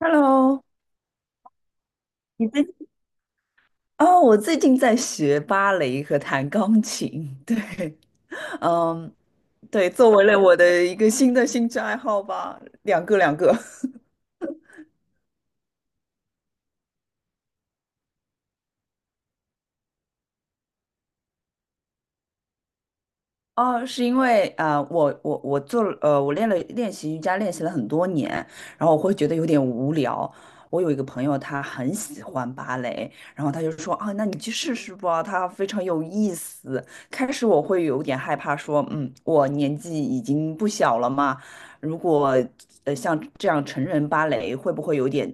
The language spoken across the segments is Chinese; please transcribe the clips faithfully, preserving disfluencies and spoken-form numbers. Hello，你最哦，我最近在学芭蕾和弹钢琴。对，嗯，对，作为了我的一个新的兴趣爱好吧，两个两个。哦，是因为啊，我我我做了呃，我练了练习瑜伽，练习了很多年，然后我会觉得有点无聊。我有一个朋友，他很喜欢芭蕾，然后他就说啊，那你去试试吧，它非常有意思。开始我会有点害怕，说嗯，我年纪已经不小了嘛，如果呃像这样成人芭蕾会不会有点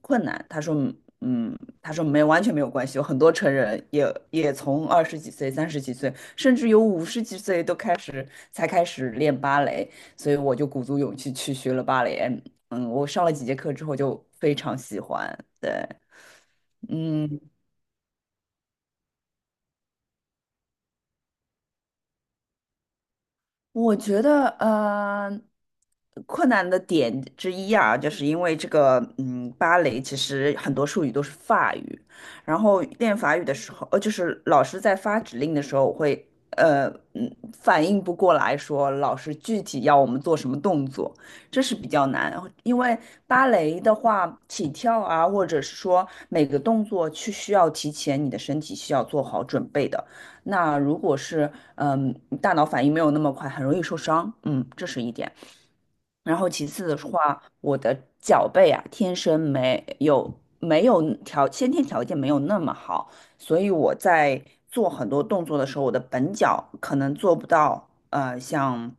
困难？他说嗯嗯，他说没，完全没有关系，有很多成人也也从二十几岁、三十几岁，甚至有五十几岁都开始才开始练芭蕾，所以我就鼓足勇气去学了芭蕾。嗯，我上了几节课之后就非常喜欢。对，嗯，我觉得，呃，困难的点之一啊，就是因为这个，嗯，芭蕾其实很多术语都是法语，然后练法语的时候，呃，就是老师在发指令的时候，我会，呃，嗯，反应不过来说老师具体要我们做什么动作，这是比较难，因为芭蕾的话，起跳啊，或者是说每个动作去需要提前你的身体需要做好准备的。那如果是嗯大脑反应没有那么快，很容易受伤，嗯，这是一点。然后其次的话，我的脚背啊，天生没有没有条先天条件没有那么好，所以我在做很多动作的时候，我的本脚可能做不到，呃，像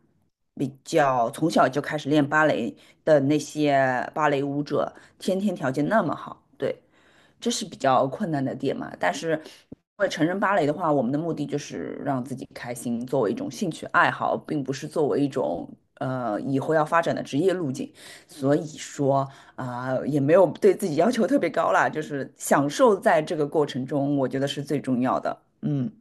比较从小就开始练芭蕾的那些芭蕾舞者，先天条件那么好。对，这是比较困难的点嘛。但是，因为成人芭蕾的话，我们的目的就是让自己开心，作为一种兴趣爱好，并不是作为一种呃以后要发展的职业路径。所以说啊、也没有对自己要求特别高啦，就是享受在这个过程中，我觉得是最重要的。嗯。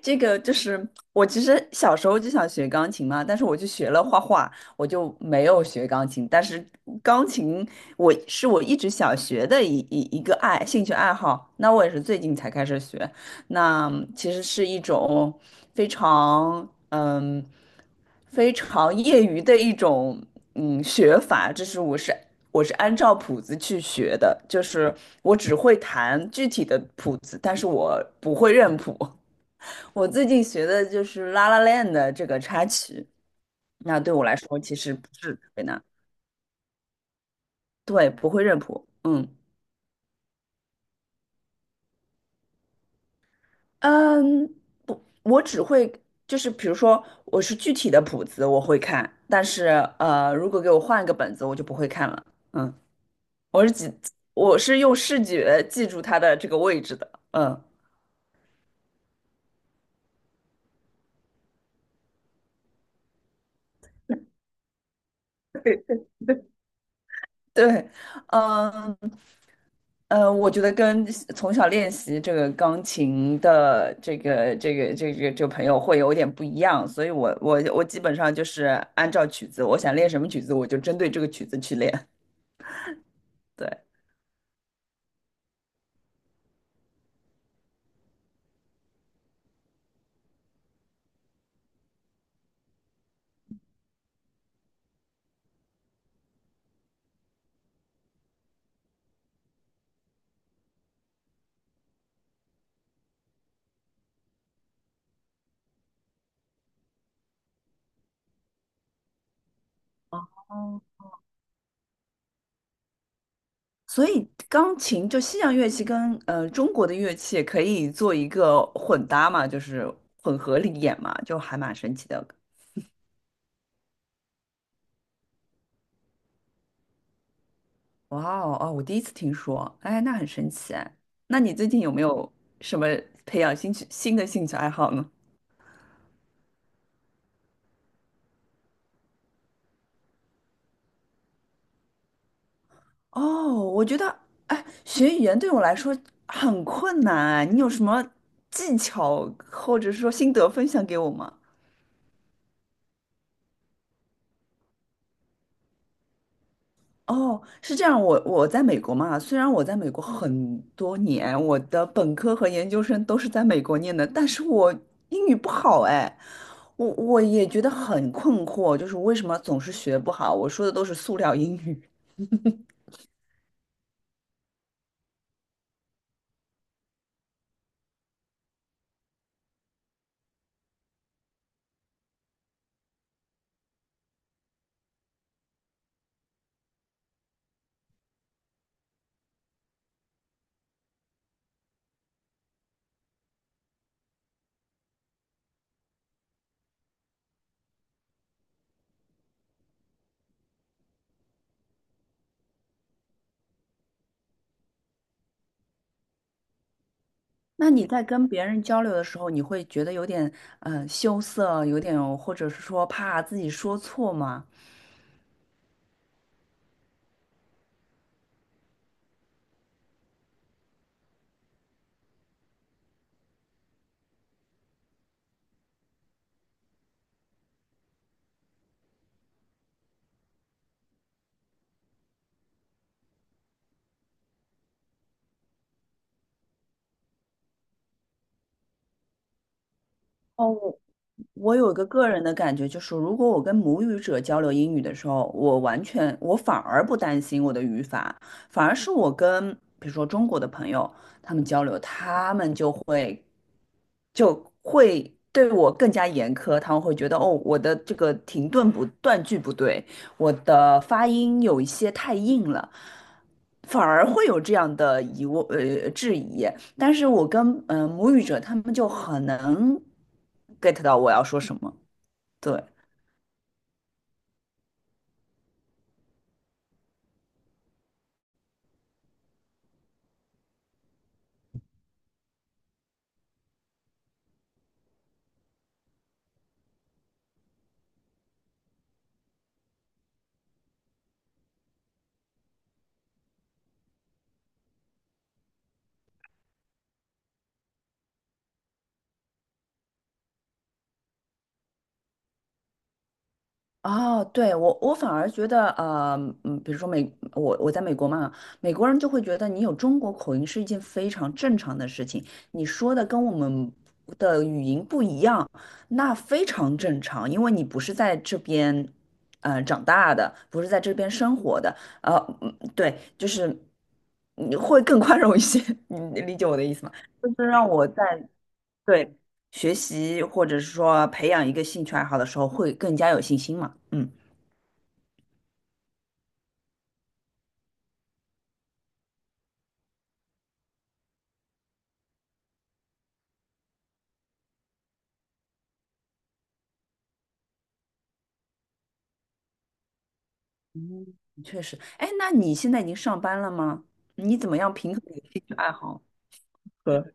这个就是我其实小时候就想学钢琴嘛，但是我就学了画画，我就没有学钢琴。但是钢琴我是我一直想学的一一一个爱兴趣爱好，那我也是最近才开始学。那其实是一种非常嗯非常业余的一种嗯学法，这是我是。我是按照谱子去学的，就是我只会弹具体的谱子，但是我不会认谱。我最近学的就是《La La Land》的这个插曲，那对我来说其实不是特别难，对，不会认谱，嗯嗯，不，我只会就是比如说我是具体的谱子我会看，但是呃，如果给我换一个本子，我就不会看了，嗯，我是记，我是用视觉记住它的这个位置的，嗯，对，嗯。呃，我觉得跟从小练习这个钢琴的这个这个这个这个朋友会有点不一样，所以我我我基本上就是按照曲子，我想练什么曲子，我就针对这个曲子去练。对，所以钢琴就西洋乐器跟呃中国的乐器可以做一个混搭嘛，就是混合里演嘛，就还蛮神奇的。哇哦哦，我第一次听说，哎，那很神奇哎那你最近有没有什么培养兴趣新的兴趣爱好呢？哦，我觉得，哎，学语言对我来说很困难啊。你有什么技巧或者说心得分享给我吗？哦，是这样，我我在美国嘛，虽然我在美国很多年，我的本科和研究生都是在美国念的，但是我英语不好哎，我我也觉得很困惑，就是为什么总是学不好？我说的都是塑料英语，那你在跟别人交流的时候，你会觉得有点呃羞涩，有点或者是说怕自己说错吗？哦，我有一个个人的感觉，就是如果我跟母语者交流英语的时候，我完全我反而不担心我的语法，反而是我跟比如说中国的朋友他们交流，他们就就会对我更加严苛，他们会觉得哦，我的这个停顿不断句不对，我的发音有一些太硬了，反而会有这样的疑问呃质疑。但是我跟嗯、呃母语者他们就很能 get 到我要说什么，对。哦，对，我我反而觉得，呃，嗯，比如说美，我我在美国嘛，美国人就会觉得你有中国口音是一件非常正常的事情，你说的跟我们的语音不一样，那非常正常，因为你不是在这边，呃，长大的，不是在这边生活的，呃，嗯对，就是你会更宽容一些，你理解我的意思吗？就是让我在。对，学习或者是说培养一个兴趣爱好的时候，会更加有信心嘛。嗯，嗯，确实。哎，那你现在已经上班了吗？你怎么样平衡你的兴趣爱好和？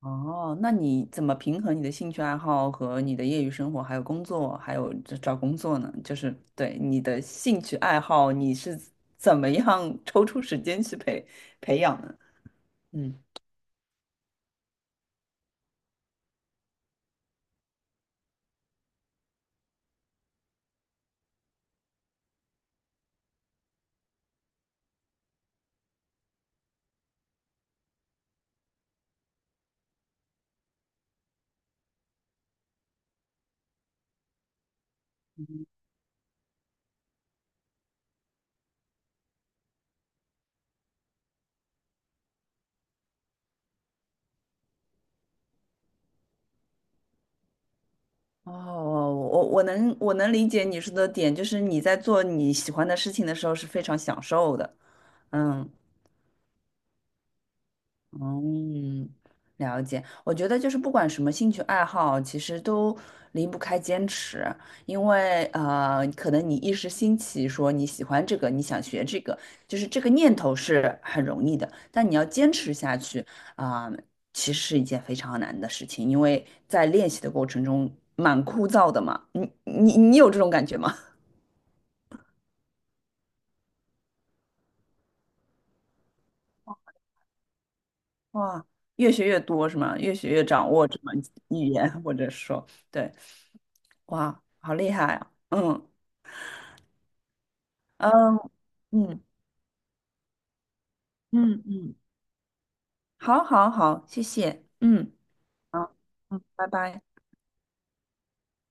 哦，那你怎么平衡你的兴趣爱好和你的业余生活，还有工作，还有这找工作呢？就是对你的兴趣爱好，你是怎么样抽出时间去培培养的？嗯。哦，我我能我能理解你说的点，就是你在做你喜欢的事情的时候是非常享受的，嗯。嗯，了解。我觉得就是不管什么兴趣爱好，其实都离不开坚持，因为呃，可能你一时兴起说你喜欢这个，你想学这个，就是这个念头是很容易的，但你要坚持下去啊，其实是一件非常难的事情，因为在练习的过程中蛮枯燥的嘛。你你你有这种感觉吗？哇，越学越多是吗？越学越掌握这门语言，或者说，对，哇，好厉害啊！嗯。嗯嗯嗯嗯，好好好，谢谢，嗯，好，嗯，拜拜。